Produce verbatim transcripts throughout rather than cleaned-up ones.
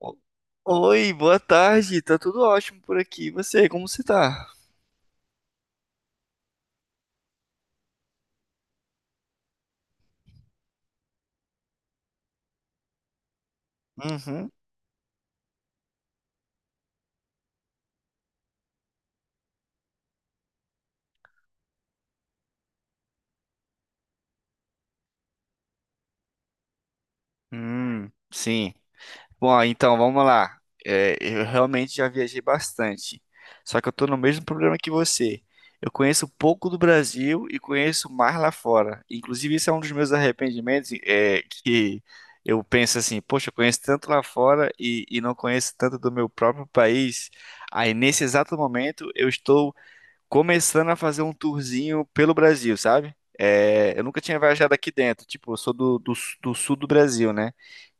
O- Oi, boa tarde. Tá tudo ótimo por aqui. E você, como você tá? Uhum. Hum, sim. Bom, ah, então vamos lá. É, eu realmente já viajei bastante. Só que eu tô no mesmo problema que você. Eu conheço pouco do Brasil e conheço mais lá fora. Inclusive, isso é um dos meus arrependimentos, é que eu penso assim, poxa, eu conheço tanto lá fora e, e não conheço tanto do meu próprio país. Aí, nesse exato momento, eu estou começando a fazer um tourzinho pelo Brasil, sabe? É, eu nunca tinha viajado aqui dentro, tipo, eu sou do, do, su- do sul do Brasil, né?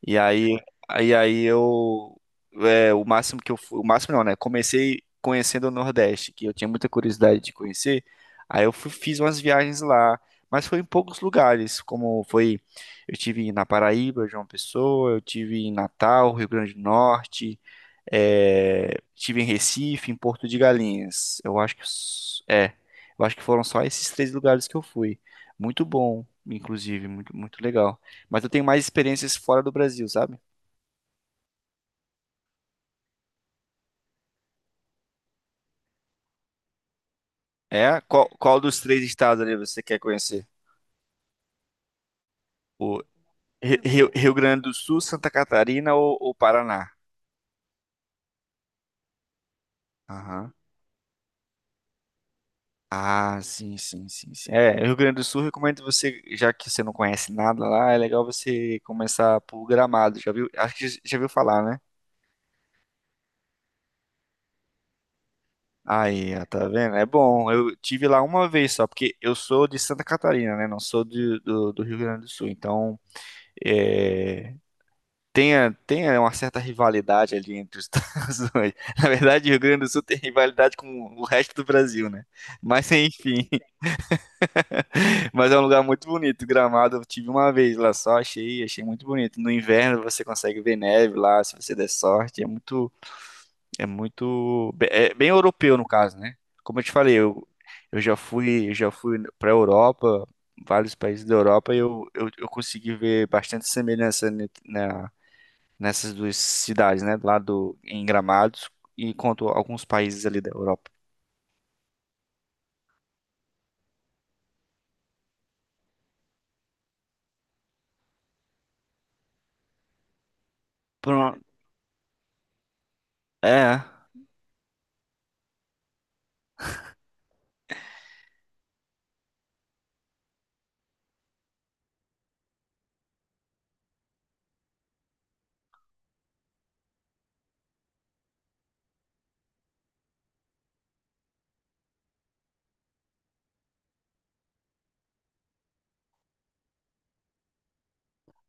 E aí, aí, aí eu, é, o máximo que eu fui, o máximo não, né? Comecei conhecendo o Nordeste, que eu tinha muita curiosidade de conhecer, aí eu fui- fiz umas viagens lá, mas foi em poucos lugares, como foi, eu tive na Paraíba, João Pessoa, eu tive em Natal, Rio Grande do Norte, é, tive em Recife, em Porto de Galinhas. Eu acho que s- é, eu acho que foram só esses três lugares que eu fui. Muito bom, inclusive, muito, muito legal. Mas eu tenho mais experiências fora do Brasil, sabe? É, qual, qual dos três estados ali você quer conhecer? O Ri- Rio, Rio Grande do Sul, Santa Catarina ou, ou Paraná? Aham. Ah, sim, sim, sim, sim. É, Rio Grande do Sul, recomendo você, já que você não conhece nada lá, é legal você começar por Gramado, já viu? Acho que já viu falar, né? Aí, ó, tá vendo? É bom. Eu tive lá uma vez só, porque eu sou de Santa Catarina, né? Não sou de- do, do Rio Grande do Sul. Então, é, tem, a- tem a- uma certa rivalidade ali entre os estados. Dois. Na verdade, o Rio Grande do Sul tem rivalidade com o resto do Brasil, né? Mas, enfim. Mas é um lugar muito bonito. Gramado, eu tive uma vez lá só, achei, achei muito bonito. No inverno, você consegue ver neve lá, se você der sorte. É muito, é muito. be- É bem europeu, no caso, né? Como eu te falei, eu, eu já fui, eu já fui para Europa, vários países da Europa, e eu, eu, eu consegui ver bastante semelhança ne- na, nessas duas cidades, né? Lá do, em Gramados e quanto a alguns países ali da Europa. Pronto. É.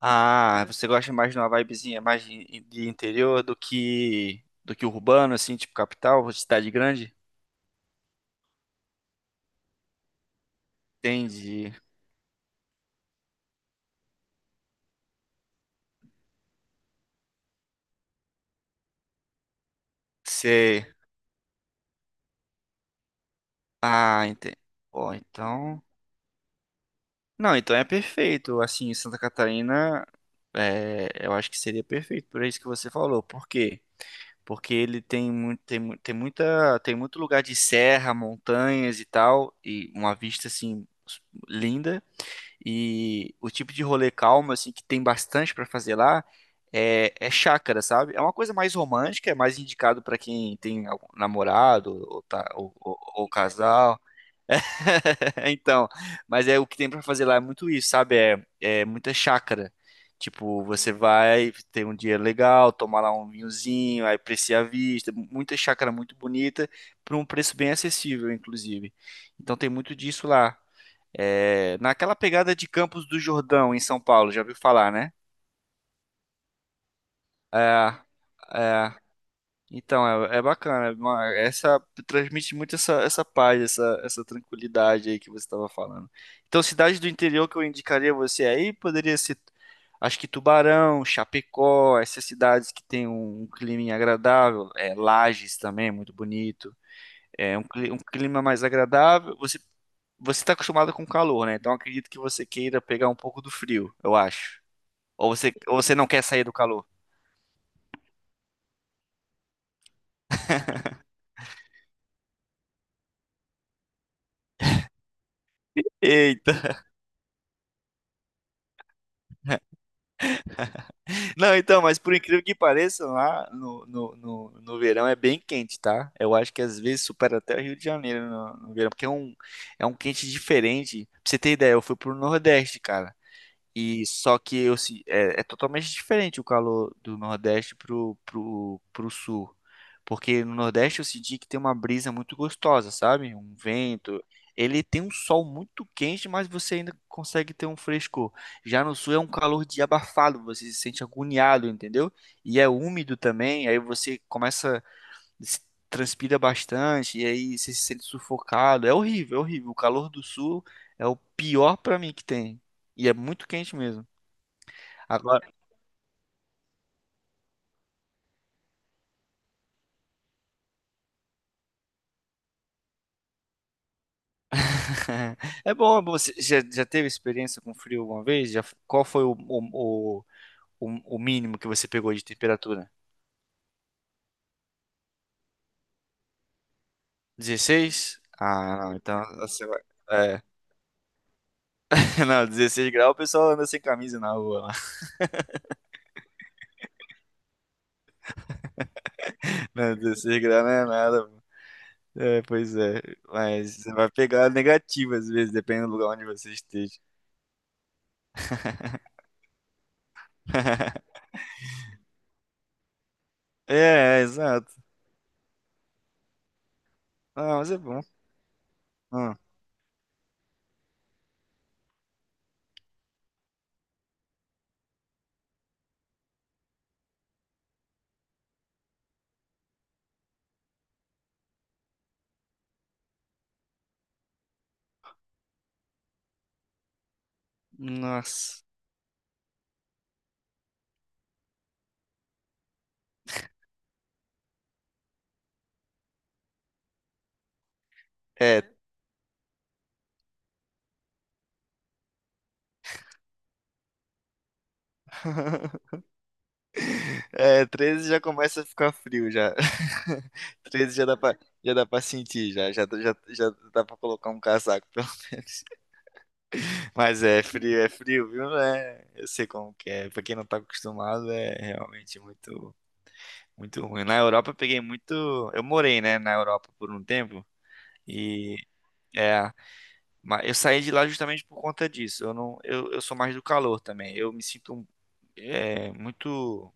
Ah, você gosta mais de uma vibezinha mais de, de interior do que do que urbano, assim, tipo capital, cidade grande? Entendi. Você. Ah, entendi. Bom, então. Não, então é perfeito. Assim, Santa Catarina, é, eu acho que seria perfeito por isso que você falou. Por quê? Porque ele tem muito, tem, mu- tem muita, tem muito lugar de serra, montanhas e tal, e uma vista assim linda. E o tipo de rolê calmo assim que tem bastante para fazer lá é, é chácara, sabe? É uma coisa mais romântica, é mais indicado para quem tem algum namorado ou, tá, ou, ou ou casal. É, então, mas é o que tem pra fazer lá é muito isso, sabe? É, é muita chácara. Tipo, você vai ter um dia legal, tomar lá um vinhozinho, aí apreciar a vista, muita chácara muito bonita, por um preço bem acessível, inclusive. Então tem muito disso lá. É, naquela pegada de Campos do Jordão, em São Paulo, já ouviu falar, né? É, é, Então, é, é bacana. é uma- Essa transmite muito essa, essa paz, essa, essa tranquilidade aí que você estava falando. Então, cidade do interior que eu indicaria você aí poderia ser, acho que Tubarão, Chapecó, essas cidades que tem um, um clima agradável. É, Lages também, é muito bonito. É um, cli- um clima mais agradável. Você você está acostumado com calor, né? Então, acredito que você queira pegar um pouco do frio, eu acho. Ou você, ou você não quer sair do calor? Eita! Não, então, mas por incrível que pareça, lá no, no, no, no verão é bem quente, tá? Eu acho que às vezes supera até o Rio de Janeiro no, no verão, porque é um, é um quente diferente. Pra você ter ideia, eu fui pro Nordeste, cara. E só que eu, se- é, é totalmente diferente o calor do Nordeste pro, pro, pro Sul. Porque no Nordeste eu senti que tem uma brisa muito gostosa, sabe? Um vento. Ele tem um sol muito quente, mas você ainda consegue ter um frescor. Já no Sul é um calor de abafado, você se sente agoniado, entendeu? E é úmido também, aí você começa se transpira bastante, e aí você se sente sufocado. É horrível, é horrível. O calor do sul é o pior pra mim que tem. E é muito quente mesmo. Agora, é bom, é bom. Você já, já teve experiência com frio alguma vez? Já, qual foi o, o, o, o mínimo que você pegou de temperatura? Dezesseis. Ah, não, então você vai. É. Não, dezesseis graus o pessoal anda sem camisa na rua lá. Não, dezesseis graus não é nada. É, pois é. Mas você vai pegar negativo às vezes, dependendo do lugar onde você esteja. É, é, exato. Ah, mas é bom. Ah, nossa. É, é, treze já começa a ficar frio já. Treze já dá pra, já dá pra sentir, já, já, já, já dá pra colocar um casaco, pelo menos. Mas é frio, é frio, viu? É, eu sei como que é. Pra quem não tá acostumado, é realmente muito, muito ruim. Na Europa eu peguei muito. Eu morei, né, na Europa por um tempo. E. É, mas eu saí de lá justamente por conta disso. Eu não, eu, eu sou mais do calor também. Eu me sinto é, muito,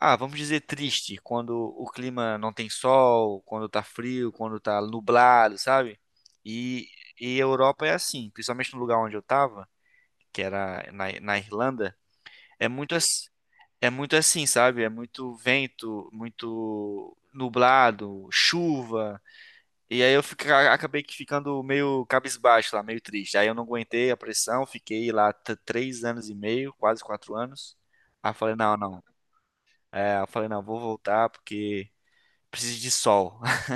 ah, vamos dizer triste quando o clima não tem sol, quando tá frio, quando tá nublado, sabe? E, e a Europa é assim, principalmente no lugar onde eu tava, que era na, na Irlanda, é muito, ass- é muito assim, sabe? É muito vento, muito nublado, chuva. E aí eu fica- acabei que ficando meio cabisbaixo lá, meio triste. Aí eu não aguentei a pressão, fiquei lá t- três anos e meio, quase quatro anos. Aí eu falei, não, não. É, eu falei, não, vou voltar porque preciso de sol.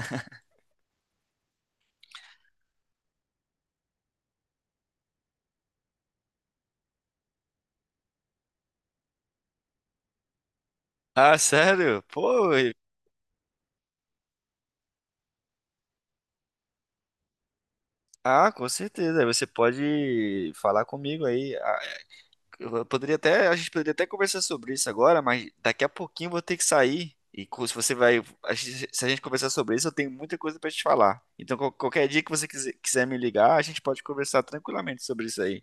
Ah, sério? Pô, e- ah, com certeza. Aí você pode falar comigo aí. Eu poderia até, a gente poderia até conversar sobre isso agora, mas daqui a pouquinho eu vou ter que sair. E co- se você vai, a gente- se a gente conversar sobre isso, eu tenho muita coisa pra te falar. Então, qual- qualquer dia que você quiser, quiser me ligar, a gente pode conversar tranquilamente sobre isso aí.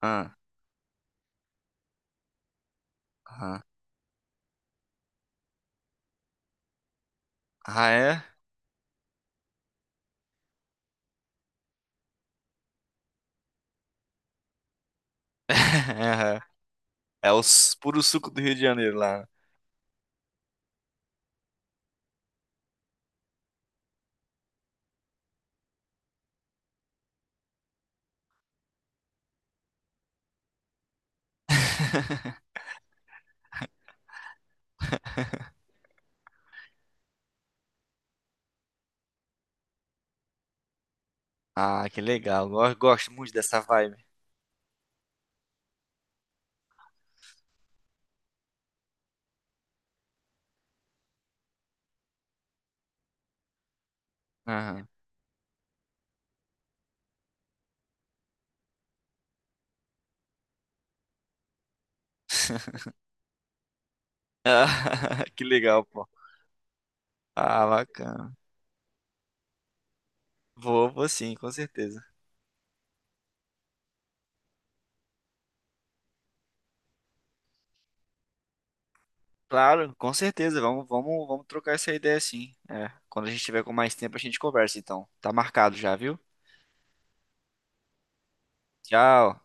Ah, ah, ah, é? É o s- puro suco do Rio de Janeiro lá. Ah, que legal. Eu gosto muito dessa vibe. Aham. Ah, que legal, pô. Ah, bacana. Vou, vou sim, com certeza. Claro, com certeza. Vamos, vamos, vamos trocar essa ideia sim. É, quando a gente tiver com mais tempo, a gente conversa, então. Tá marcado já, viu? Tchau.